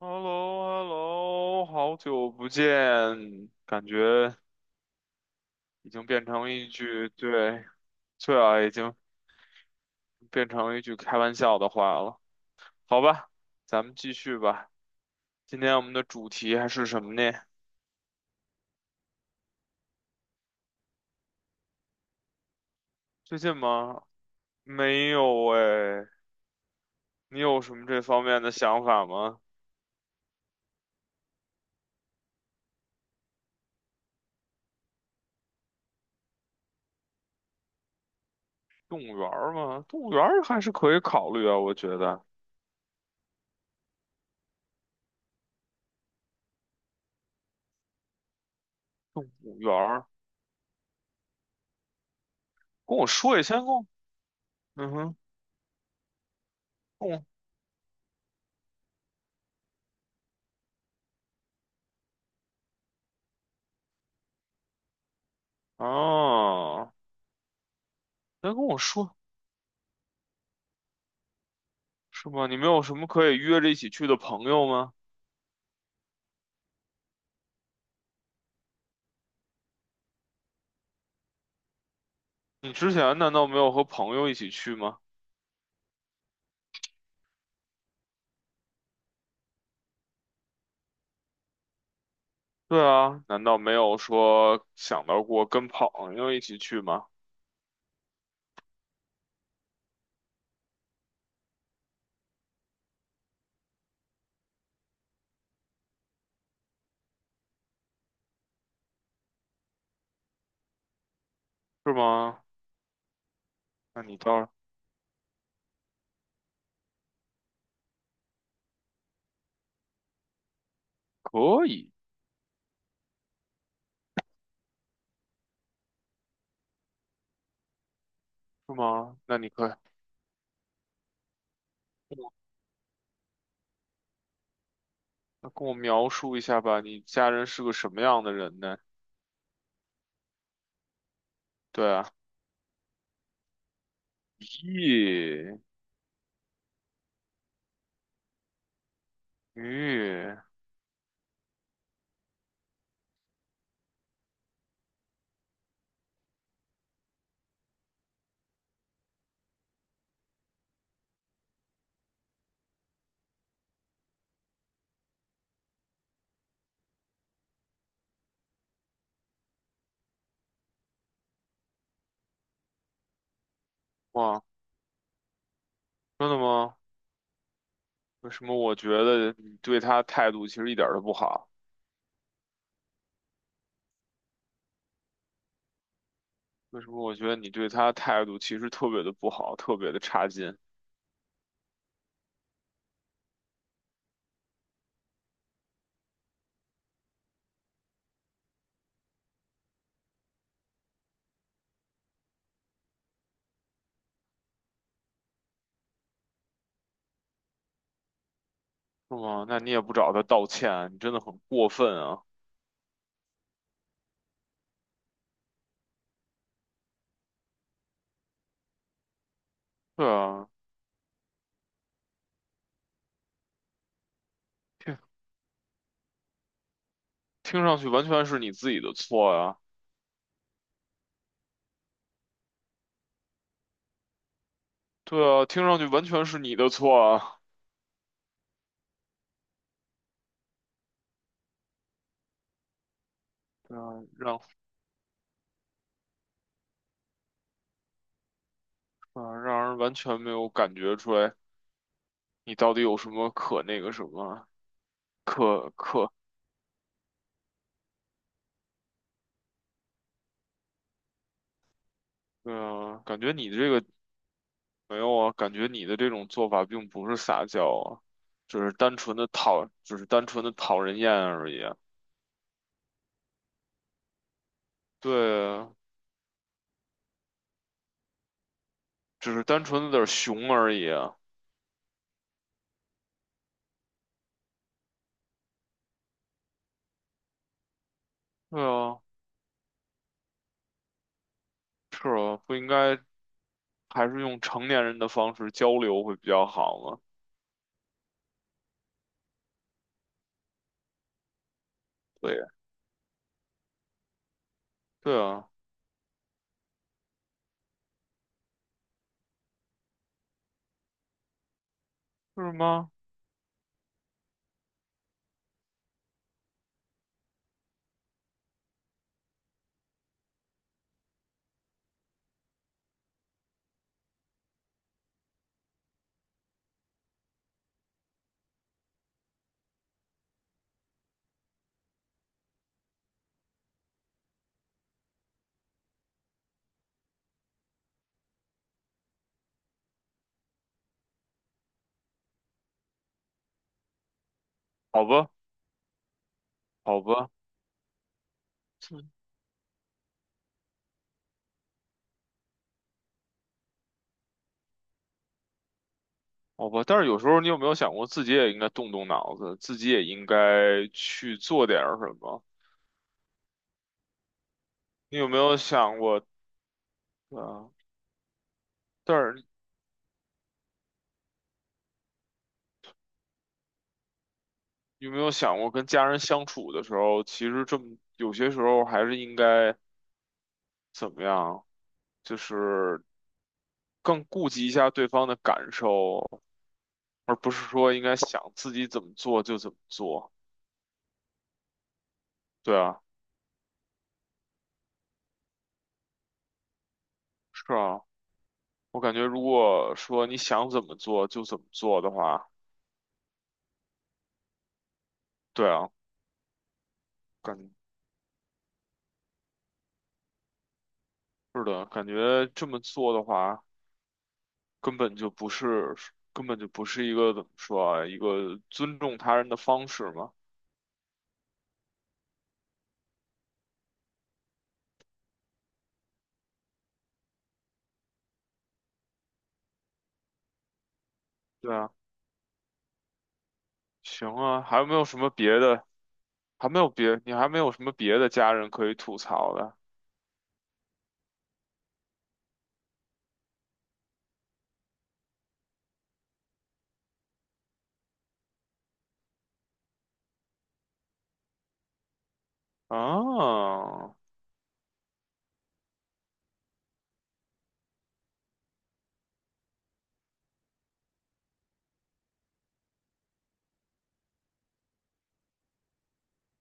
h e l l o h e l l o 好久不见，感觉已经变成一句，对，对啊，已经变成一句开玩笑的话了。好吧，咱们继续吧。今天我们的主题还是什么呢？最近吗？没有哎，你有什么这方面的想法吗？动物园儿吗？动物园儿还是可以考虑啊，我觉得。动物园儿，跟我说一下，先跟我，嗯哼，跟我，哦，先跟我说。是吗？你没有什么可以约着一起去的朋友吗？你之前难道没有和朋友一起去吗？对啊，难道没有说想到过跟朋友一起去吗？是吗？那你倒是可以，是吗？那你可以跟我那跟我描述一下吧，你家人是个什么样的人呢？对啊，咦，咦，哇，真的吗？为什么我觉得你对他态度其实一点儿都不好？为什么我觉得你对他态度其实特别的不好，特别的差劲？是吗？那你也不找他道歉，你真的很过分啊！对啊，听听上去完全是你自己的错啊！对啊，听上去完全是你的错啊！对啊，让让人完全没有感觉出来你到底有什么可那个什么可可，对啊，感觉你这个没有啊，感觉你的这种做法并不是撒娇啊，只是单纯的讨，只是单纯的讨人厌而已啊对啊，只是单纯的有点儿熊而已啊。对啊。是啊，不应该还是用成年人的方式交流会比较好吗？对，对啊，是吗？好吧，好吧，嗯好吧。但是有时候你有没有想过，自己也应该动动脑子，自己也应该去做点儿什么？你有没有想过啊？但是有没有想过，跟家人相处的时候，其实这么有些时候还是应该怎么样？就是更顾及一下对方的感受，而不是说应该想自己怎么做就怎么做。对啊，是啊，我感觉如果说你想怎么做就怎么做的话，对啊，感是的，感觉这么做的话，根本就不是，根本就不是一个怎么说啊，一个尊重他人的方式嘛。对啊，行啊，还有没有什么别的？还没有别，你还没有什么别的家人可以吐槽的啊？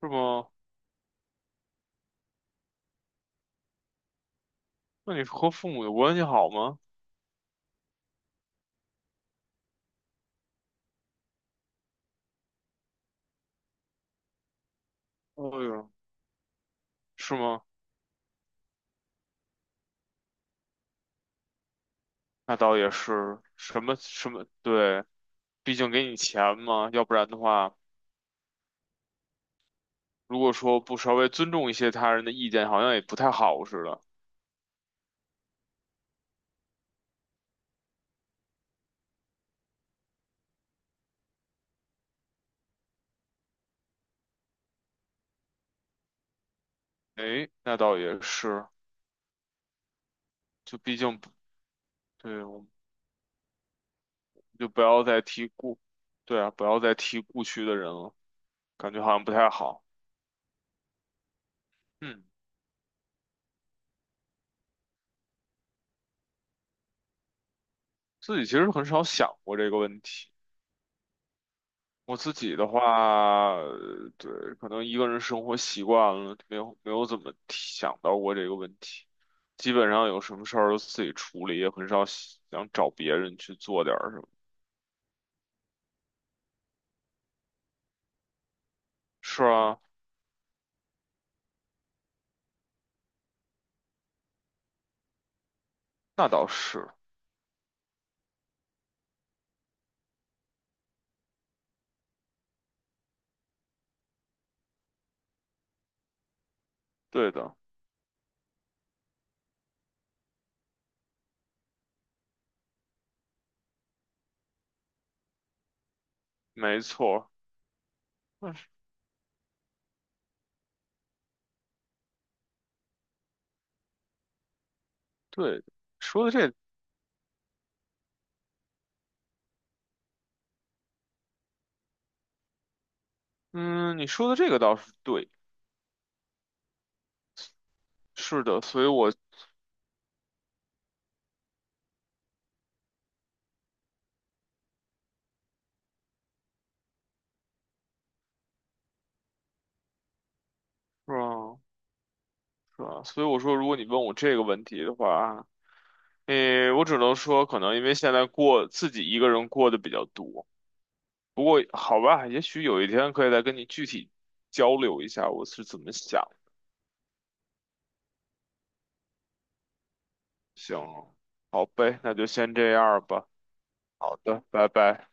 是吗？那你和父母的关系好吗？哎呦，是吗？那倒也是，什么什么，对，毕竟给你钱嘛，要不然的话，如果说不稍微尊重一些他人的意见，好像也不太好似的。诶，那倒也是，就毕竟不对，我们就不要再提故，对啊，不要再提故去的人了，感觉好像不太好。嗯，自己其实很少想过这个问题。我自己的话，对，可能一个人生活习惯了，没有怎么想到过这个问题。基本上有什么事儿都自己处理，也很少想找别人去做点儿什么。是啊，那倒是，对的，没错，那是对的，说的这，嗯，你说的这个倒是对，是的，所以我，是啊，是啊，所以我说，如果你问我这个问题的话，诶，我只能说，可能因为现在过自己一个人过的比较多。不过好吧，也许有一天可以再跟你具体交流一下我是怎么想。行，好呗，那就先这样吧。好的，拜拜。